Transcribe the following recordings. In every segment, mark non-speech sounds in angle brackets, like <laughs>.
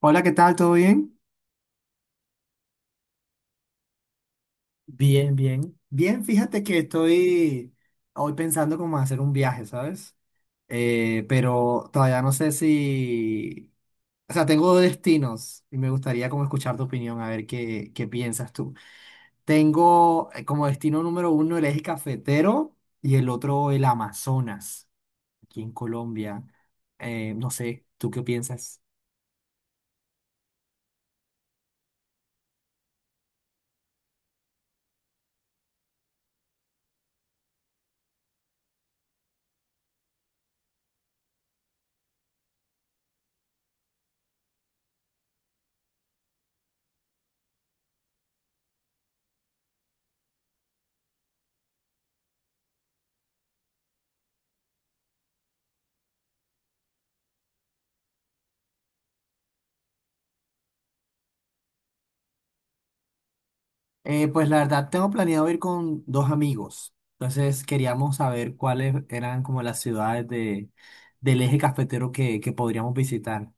Hola, ¿qué tal? ¿Todo bien? Bien, bien. Bien, fíjate que estoy hoy pensando cómo hacer un viaje, ¿sabes? Pero todavía no sé si... O sea, tengo dos destinos y me gustaría como escuchar tu opinión, a ver qué piensas tú. Tengo como destino número 1 el eje cafetero y el otro el Amazonas, aquí en Colombia. No sé, ¿tú qué piensas? Pues la verdad, tengo planeado ir con dos amigos. Entonces queríamos saber cuáles eran como las ciudades del eje cafetero que podríamos visitar.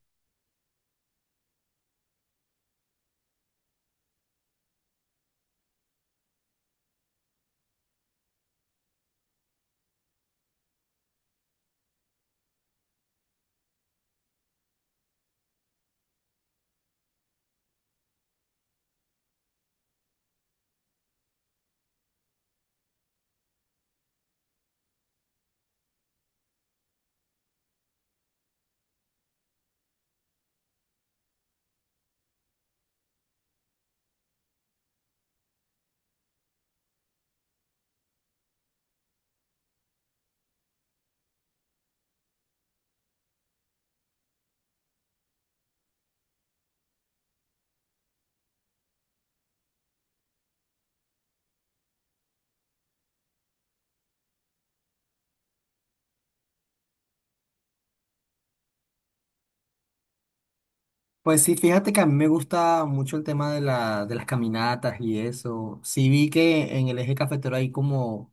Pues sí, fíjate que a mí me gusta mucho el tema de de las caminatas y eso. Sí vi que en el eje cafetero hay como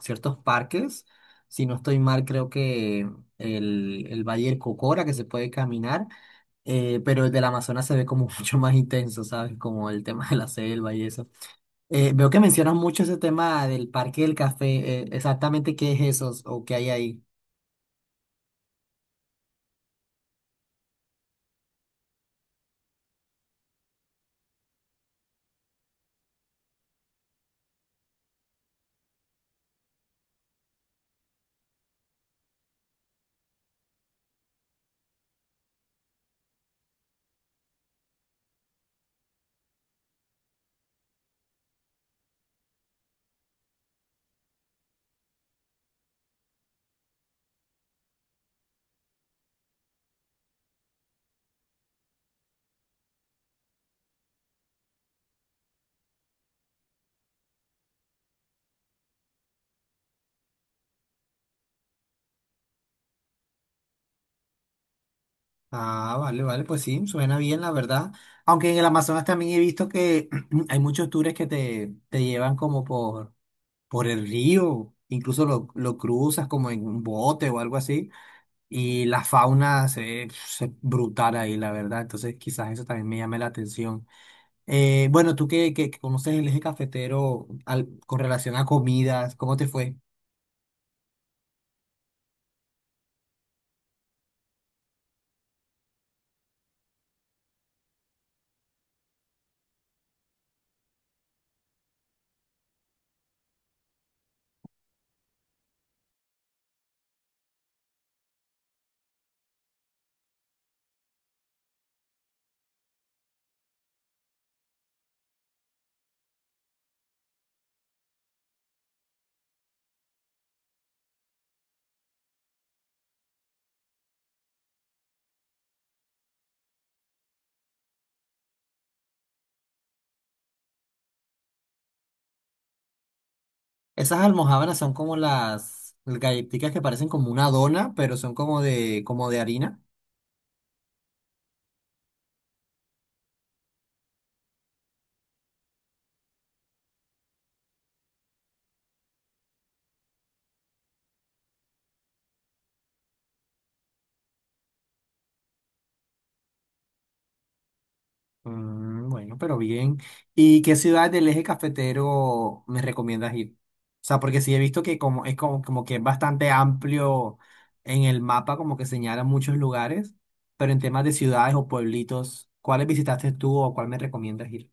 ciertos parques. Si no estoy mal, creo que el Valle del Cocora, que se puede caminar, pero el del Amazonas se ve como <laughs> mucho más intenso, ¿sabes? Como el tema de la selva y eso. Veo que mencionas mucho ese tema del parque del café. Exactamente qué es eso o qué hay ahí. Ah, vale, vale, pues sí, suena bien, la verdad. Aunque en el Amazonas también he visto que <clears throat> hay muchos tours que te llevan como por el río, incluso lo cruzas como en un bote o algo así. Y la fauna se brutal ahí, la verdad. Entonces, quizás eso también me llame la atención. Bueno, tú que conoces el eje cafetero al- con relación a comidas, ¿cómo te fue? Esas almojábanas son como las galletitas que parecen como una dona, pero son como como de harina. Mm, bueno, pero bien. ¿Y qué ciudad del eje cafetero me recomiendas ir? O sea, porque sí he visto que como es como que es bastante amplio en el mapa, como que señala muchos lugares, pero en temas de ciudades o pueblitos, ¿cuáles visitaste tú o cuál me recomiendas ir?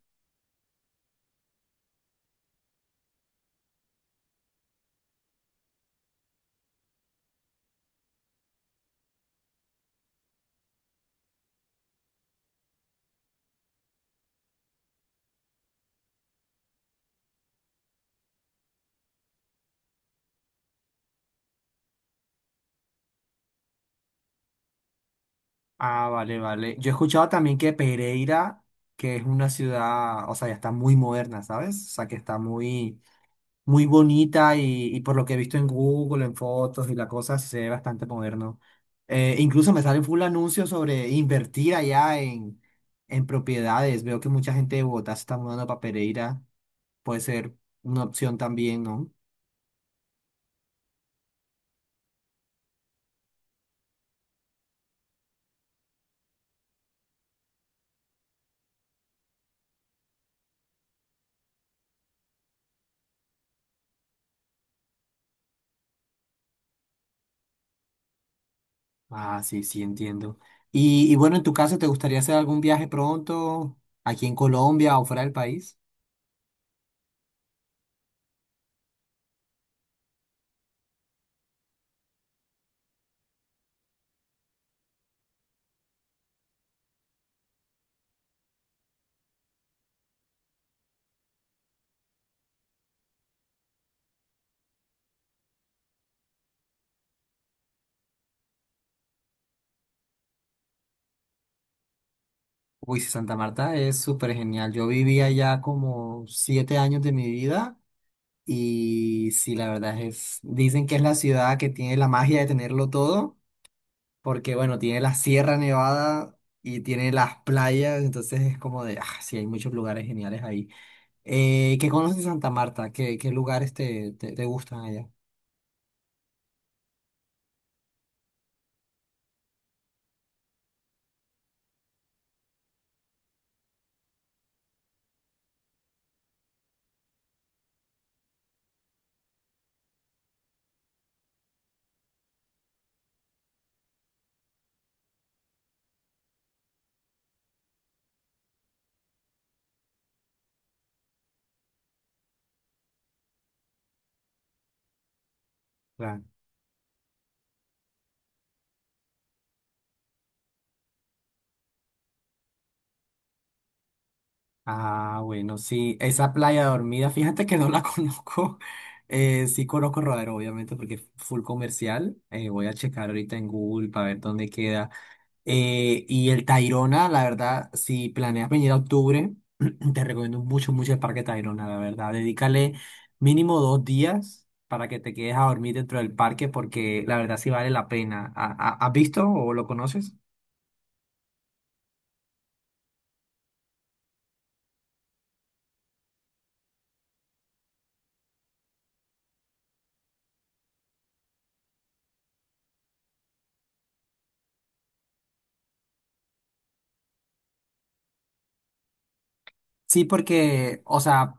Ah, vale, vale. Yo he escuchado también que Pereira, que es una ciudad, o sea, ya está muy moderna, ¿sabes? O sea, que está muy muy bonita y por lo que he visto en Google, en fotos y la cosa, se ve bastante moderno. Incluso me salen full anuncios sobre invertir allá en propiedades. Veo que mucha gente de Bogotá se está mudando para Pereira. Puede ser una opción también, ¿no? Ah, sí, sí, entiendo. Y bueno, en tu caso, ¿te gustaría hacer algún viaje pronto aquí en Colombia o fuera del país? Uy, sí, Santa Marta es súper genial. Yo viví allá como 7 años de mi vida. Y sí, la verdad es, dicen que es la ciudad que tiene la magia de tenerlo todo, porque bueno, tiene la Sierra Nevada y tiene las playas, entonces es como de, ah, sí, hay muchos lugares geniales ahí. ¿Qué conoces de Santa Marta? ¿Qué, qué lugares te gustan allá? Claro. Ah, bueno, sí, esa playa dormida, fíjate que no la <laughs> conozco. Sí conozco Rodero, obviamente, porque es full comercial. Voy a checar ahorita en Google para ver dónde queda. Y el Tayrona, la verdad, si planeas venir a octubre, <clears throat> te recomiendo mucho, mucho el Parque Tayrona, la verdad. Dedícale mínimo 2 días para que te quedes a dormir dentro del parque, porque la verdad sí vale la pena. ¿Has visto o lo conoces? Sí, porque, o sea,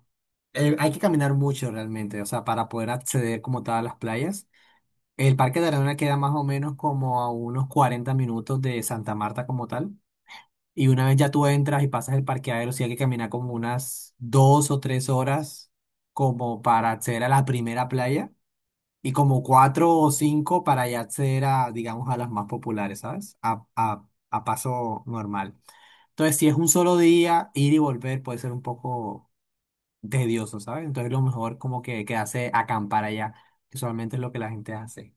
hay que caminar mucho realmente, o sea, para poder acceder como tal a las playas. El Parque Tayrona queda más o menos como a unos 40 minutos de Santa Marta como tal. Y una vez ya tú entras y pasas el parqueadero, sí hay que caminar como unas 2 o 3 horas como para acceder a la primera playa y como 4 o 5 para ya acceder a, digamos, a las más populares, ¿sabes? A paso normal. Entonces, si es un solo día, ir y volver puede ser un poco tedioso, ¿sabes? Entonces, lo mejor como que quedarse a acampar allá, que solamente es lo que la gente hace.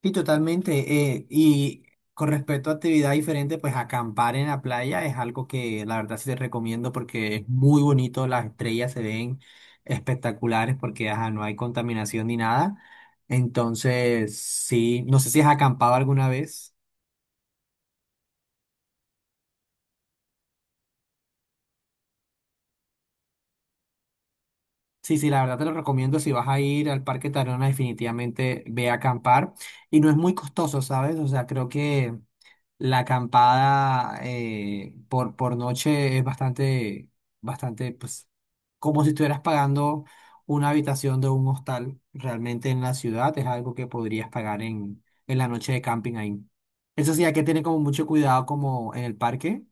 Sí, totalmente. Y con respecto a actividad diferente, pues acampar en la playa es algo que la verdad sí te recomiendo porque es muy bonito, las estrellas se ven espectaculares porque ajá, no hay contaminación ni nada. Entonces, sí, no sé si has acampado alguna vez. Sí, sí, la verdad te lo recomiendo. Si vas a ir al Parque Tayrona, definitivamente ve a acampar. Y no es muy costoso, ¿sabes? O sea, creo que... La acampada por noche es bastante, bastante, pues, como si estuvieras pagando una habitación de un hostal. Realmente en la ciudad es algo que podrías pagar en la noche de camping ahí. Eso sí, hay que tener como mucho cuidado como en el parque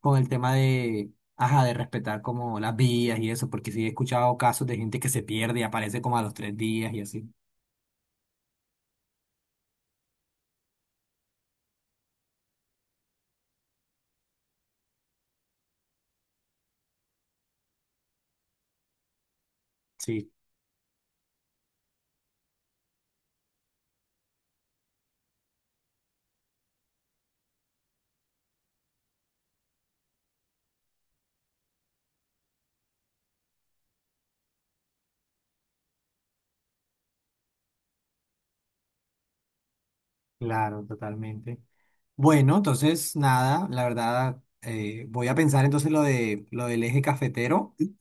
con el tema de, ajá, de respetar como las vías y eso, porque sí he escuchado casos de gente que se pierde y aparece como a los 3 días y así. Sí, claro, totalmente. Bueno, entonces nada, la verdad, voy a pensar entonces lo de lo del eje cafetero. <clears throat>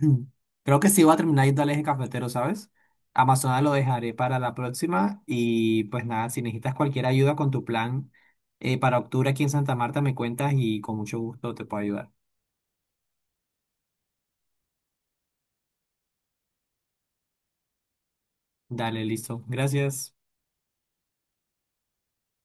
Creo que sí voy a terminar yendo al eje cafetero, ¿sabes? Amazonas lo dejaré para la próxima y pues nada, si necesitas cualquier ayuda con tu plan para octubre aquí en Santa Marta, me cuentas y con mucho gusto te puedo ayudar. Dale, listo. Gracias.